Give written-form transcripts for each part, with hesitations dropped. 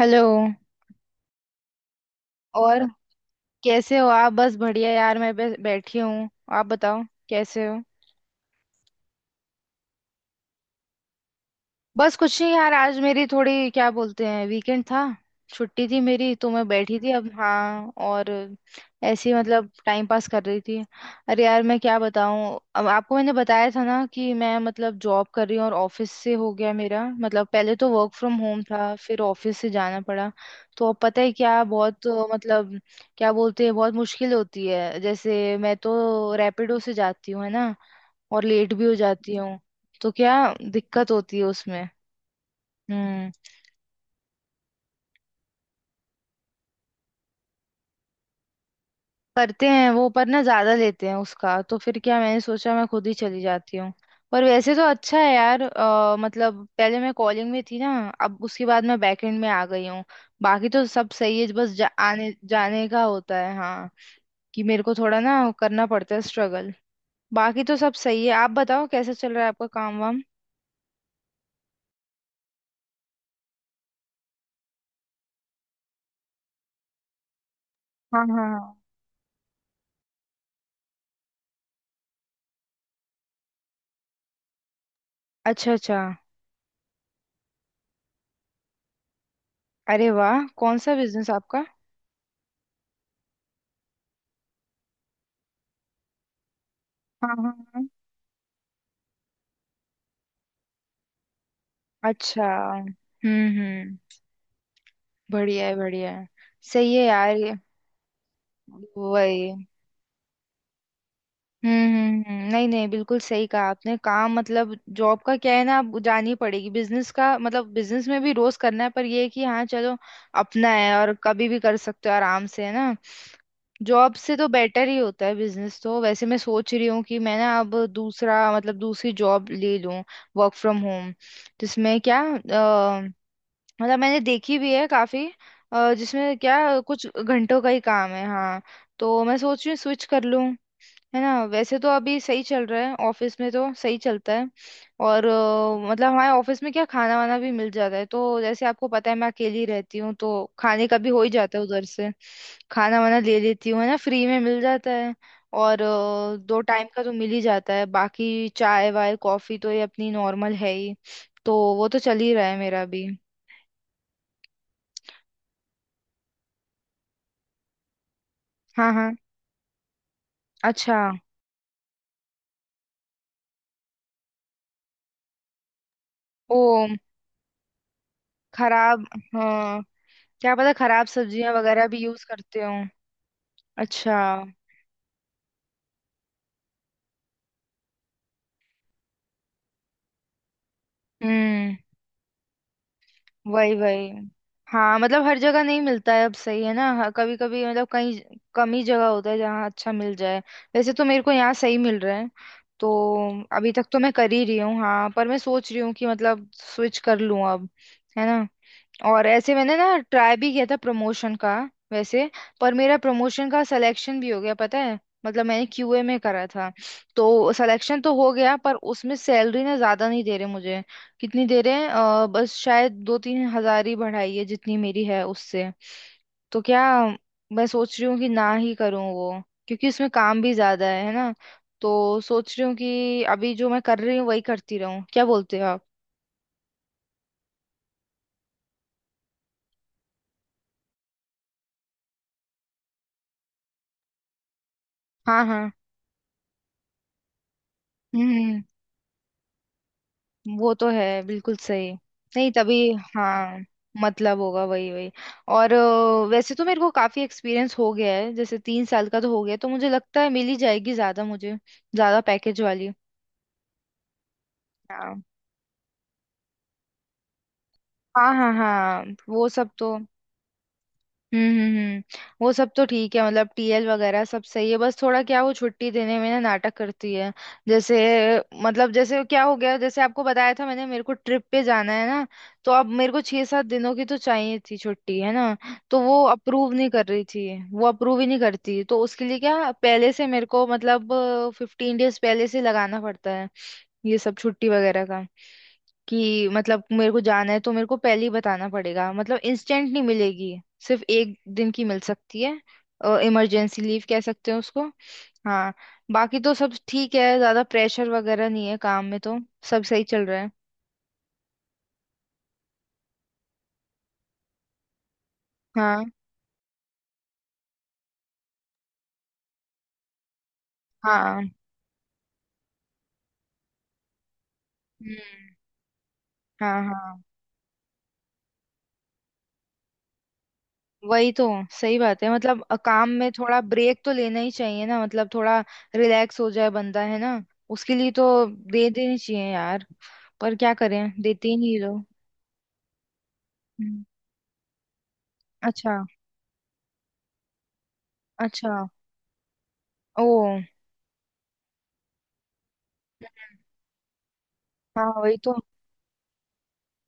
Hello. और कैसे हो आप। बस बढ़िया यार, मैं बस बैठी हूँ। आप बताओ कैसे हो। बस कुछ नहीं यार, आज मेरी थोड़ी क्या बोलते हैं वीकेंड था। छुट्टी थी मेरी, तो मैं बैठी थी। अब हाँ, और ऐसे ही मतलब टाइम पास कर रही थी। अरे यार मैं क्या बताऊँ। अब आपको मैंने बताया था ना कि मैं मतलब जॉब कर रही हूँ, और ऑफिस से हो गया मेरा मतलब, पहले तो वर्क फ्रॉम होम था, फिर ऑफिस से जाना पड़ा। तो अब पता है क्या बहुत मतलब क्या बोलते हैं, बहुत मुश्किल होती है। जैसे मैं तो रैपिडो से जाती हूँ, है ना। और लेट भी हो जाती हूँ। तो क्या दिक्कत होती है उसमें। हम्म। करते हैं वो, पर ना ज्यादा लेते हैं उसका। तो फिर क्या मैंने सोचा मैं खुद ही चली जाती हूँ। पर वैसे तो अच्छा है यार। मतलब पहले मैं कॉलिंग में थी ना, अब उसके बाद मैं बैकएंड में आ गई हूँ। बाकी तो सब सही है, बस आने जाने का होता है। हाँ कि मेरे को थोड़ा ना करना पड़ता है स्ट्रगल। बाकी तो सब सही है। आप बताओ, कैसा चल रहा है आपका काम वाम। हाँ हाँ हाँ। अच्छा अच्छा। अरे वाह, कौन सा बिजनेस आपका। हाँ हाँ हाँ। अच्छा। हम्म। बढ़िया है बढ़िया है। सही है यार ये वही। नहीं नहीं बिल्कुल सही कहा आपने। काम मतलब जॉब का क्या है ना, आप जानी ही पड़ेगी। बिजनेस का मतलब, बिजनेस में भी रोज करना है, पर ये है कि हाँ चलो अपना है, और कभी भी कर सकते हो आराम से, है ना। जॉब से तो बेटर ही होता है बिजनेस तो। वैसे मैं सोच रही हूँ कि मैं ना अब दूसरा मतलब दूसरी जॉब ले लूँ, वर्क फ्रॉम होम, जिसमें क्या मतलब मैंने देखी भी है काफी। जिसमें क्या कुछ घंटों का ही काम है। हाँ, तो मैं सोच रही हूँ स्विच कर लूँ, है ना। वैसे तो अभी सही चल रहा है, ऑफिस में तो सही चलता है। और मतलब हमारे ऑफिस में क्या खाना वाना भी मिल जाता है। तो जैसे आपको पता है मैं अकेली रहती हूँ, तो खाने का भी हो ही जाता है उधर से। खाना वाना ले लेती हूँ, है ना, फ्री में मिल जाता है। और दो टाइम का तो मिल ही जाता है, बाकी चाय वाय कॉफी तो ये अपनी नॉर्मल है ही। तो वो तो चल ही रहा है मेरा भी। हाँ हाँ। अच्छा। ओ। खराब। हाँ, क्या पता खराब सब्जियां वगैरह भी यूज करते हो। अच्छा। हम्म। वही वही। हाँ मतलब हर जगह नहीं मिलता है अब, सही है ना। कभी कभी मतलब कहीं, कम ही जगह होता है जहाँ अच्छा मिल जाए। वैसे तो मेरे को यहाँ सही मिल रहा है। तो अभी तक तो मैं कर ही रही हूँ। हाँ पर मैं सोच रही हूँ कि मतलब स्विच कर लूँ अब, है ना। और ऐसे मैंने ना ट्राई भी किया था प्रमोशन का वैसे। पर मेरा प्रमोशन का सिलेक्शन भी हो गया, पता है। मतलब मैंने क्यूए में करा था। तो सिलेक्शन तो हो गया, पर उसमें सैलरी ना ज्यादा नहीं दे रहे मुझे। कितनी दे रहे हैं बस शायद 2-3 हज़ार ही बढ़ाई है जितनी मेरी है उससे। तो क्या मैं सोच रही हूँ कि ना ही करूँ वो, क्योंकि उसमें काम भी ज्यादा है ना। तो सोच रही हूँ कि अभी जो मैं कर रही हूँ वही करती रहूँ। क्या बोलते हो आप। हाँ हाँ। हम्म हम्म। वो तो है, बिल्कुल सही। नहीं तभी। हाँ मतलब होगा वही वही। और वैसे तो मेरे को काफी एक्सपीरियंस हो गया है, जैसे 3 साल का तो हो गया। तो मुझे लगता है मिल ही जाएगी, ज्यादा मुझे ज्यादा पैकेज वाली। हाँ हाँ हाँ। हाँ वो सब तो। हम्म हम्म हम्म, वो सब तो ठीक है मतलब। टीएल वगैरह सब सही है, बस थोड़ा क्या वो छुट्टी देने में ना नाटक करती है। जैसे मतलब, जैसे क्या हो गया, जैसे आपको बताया था मैंने, मेरे को ट्रिप पे जाना है ना। तो अब मेरे को 6-7 दिनों की तो चाहिए थी छुट्टी, है ना। तो वो अप्रूव नहीं कर रही थी, वो अप्रूव ही नहीं करती। तो उसके लिए क्या पहले से मेरे को मतलब 15 days पहले से लगाना पड़ता है, ये सब छुट्टी वगैरह का। कि मतलब मेरे को जाना है तो मेरे को पहले ही बताना पड़ेगा, मतलब इंस्टेंट नहीं मिलेगी। सिर्फ एक दिन की मिल सकती है, इमरजेंसी लीव कह सकते हैं उसको। हाँ। बाकी तो सब ठीक है, ज्यादा प्रेशर वगैरह नहीं है काम में। तो सब सही चल रहा है। हाँ हाँ। हम्म। हाँ हाँ। वही तो, सही बात है। मतलब काम में थोड़ा ब्रेक तो लेना ही चाहिए ना, मतलब थोड़ा रिलैक्स हो जाए बंदा, है ना। उसके लिए तो दे देनी चाहिए यार। पर क्या करें, देते ही नहीं लोग। हम्म, अच्छा अच्छा। ओ। हाँ वही तो।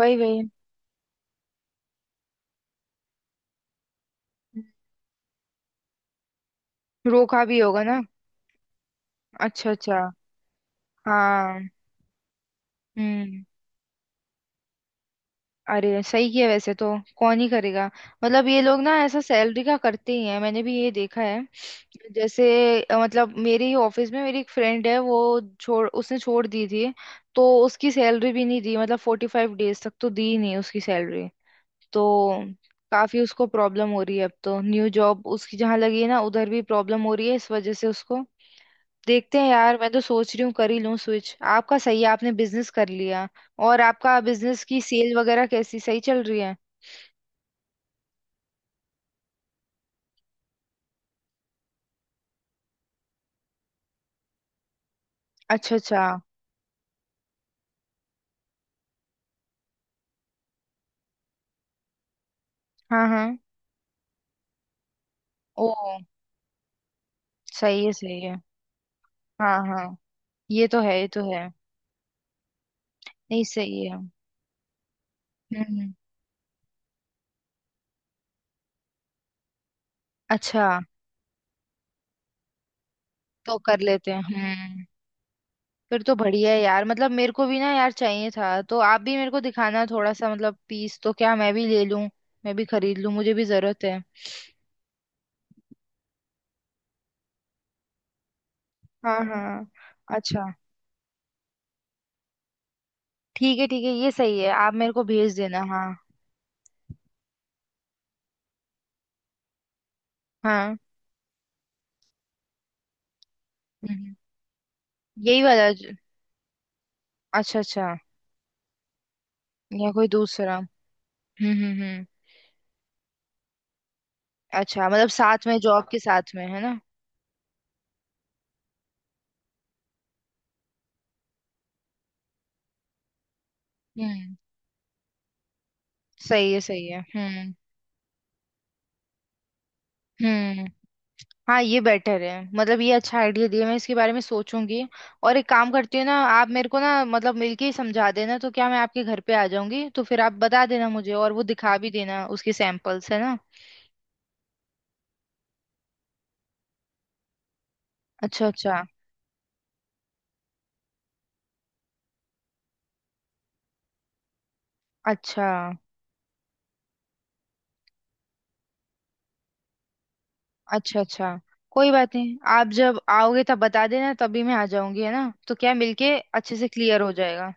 वही वही। रोका भी होगा ना। अच्छा अच्छा। हाँ। हम्म। अरे सही है वैसे तो, कौन ही करेगा। मतलब ये लोग ना ऐसा सैलरी का करते ही हैं, मैंने भी ये देखा है। जैसे मतलब मेरे ही ऑफिस में मेरी एक फ्रेंड है, वो छोड़ उसने छोड़ दी थी। तो उसकी सैलरी भी नहीं दी, मतलब 45 days तक तो दी ही नहीं उसकी सैलरी। तो काफी उसको प्रॉब्लम हो रही है, अब तो न्यू जॉब उसकी जहाँ लगी है ना, उधर भी प्रॉब्लम हो रही है इस वजह से उसको। देखते हैं यार, मैं तो सोच रही हूँ कर ही लूँ स्विच। आपका सही है, आपने बिजनेस कर लिया। और आपका बिजनेस की सेल वगैरह कैसी, सही चल रही है। अच्छा अच्छा। हाँ हाँ। ओ। सही है सही है। हाँ हाँ। ये तो है ये तो है। नहीं सही है। हम्म। अच्छा। तो कर लेते हैं हम्म। फिर तो बढ़िया है यार। मतलब मेरे को भी ना यार चाहिए था, तो आप भी मेरे को दिखाना थोड़ा सा मतलब पीस, तो क्या मैं भी ले लूं, मैं भी खरीद लूं, मुझे भी जरूरत है। हाँ हाँ। अच्छा, ठीक है ठीक है, ये सही है, आप मेरे को भेज देना हाँ। हाँ। हम्म, यही वाला ज- अच्छा अच्छा, या कोई दूसरा। हम्म। अच्छा मतलब साथ में, जॉब के साथ में, है ना। हम्म। सही है हम्म। हाँ ये बेटर है। मतलब ये अच्छा आइडिया दिया, मैं इसके बारे में सोचूंगी। और एक काम करती हूँ ना, आप मेरे को ना मतलब मिलके ही समझा देना, तो क्या मैं आपके घर पे आ जाऊंगी, तो फिर आप बता देना मुझे और वो दिखा भी देना उसके सैंपल्स, है ना। अच्छा अच्छा। अच्छा अच्छा। अच्छा। कोई बात नहीं, आप जब आओगे तब बता देना, तभी मैं आ जाऊंगी, है ना। तो क्या मिलके अच्छे से क्लियर हो जाएगा।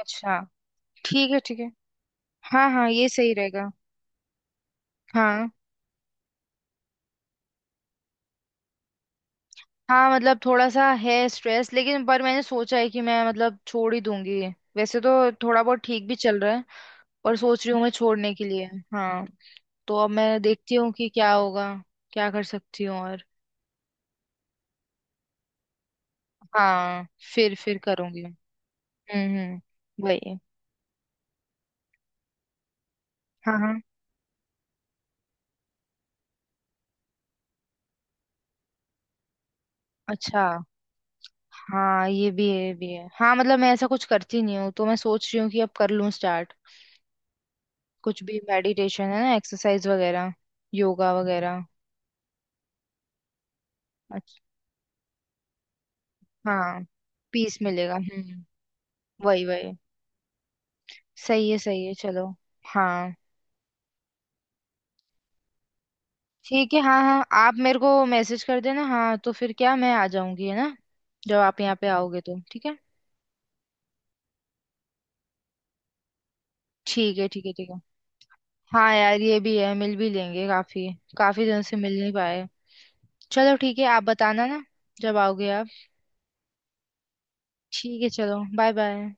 अच्छा। ठीक है ठीक है। हाँ हाँ, ये सही रहेगा। हाँ हाँ मतलब थोड़ा सा है स्ट्रेस, लेकिन पर मैंने सोचा है कि मैं मतलब छोड़ ही दूंगी। वैसे तो थोड़ा बहुत ठीक भी चल रहा है, पर सोच रही हूँ मैं छोड़ने के लिए। हाँ। तो अब मैं देखती हूँ कि क्या होगा, क्या कर सकती हूँ। और हाँ फिर करूंगी। वही। हाँ हाँ। अच्छा, हाँ ये भी है, ये भी है हाँ। मतलब मैं ऐसा कुछ करती नहीं हूँ, तो मैं सोच रही हूँ कि अब कर लूँ स्टार्ट। कुछ भी मेडिटेशन, है ना, एक्सरसाइज वगैरह, योगा वगैरह। अच्छा। हाँ पीस मिलेगा हम्म। वही वही। सही है चलो। हाँ। ठीक है, हाँ हाँ, आप मेरे को मैसेज कर देना हाँ। तो फिर क्या मैं आ जाऊंगी, है ना, जब आप यहाँ पे आओगे। तो ठीक है। ठीक है ठीक है ठीक है। हाँ यार ये भी है, मिल भी लेंगे। काफी काफी दिन से मिल नहीं पाए। चलो ठीक है, आप बताना ना जब आओगे आप। ठीक है चलो, बाय बाय।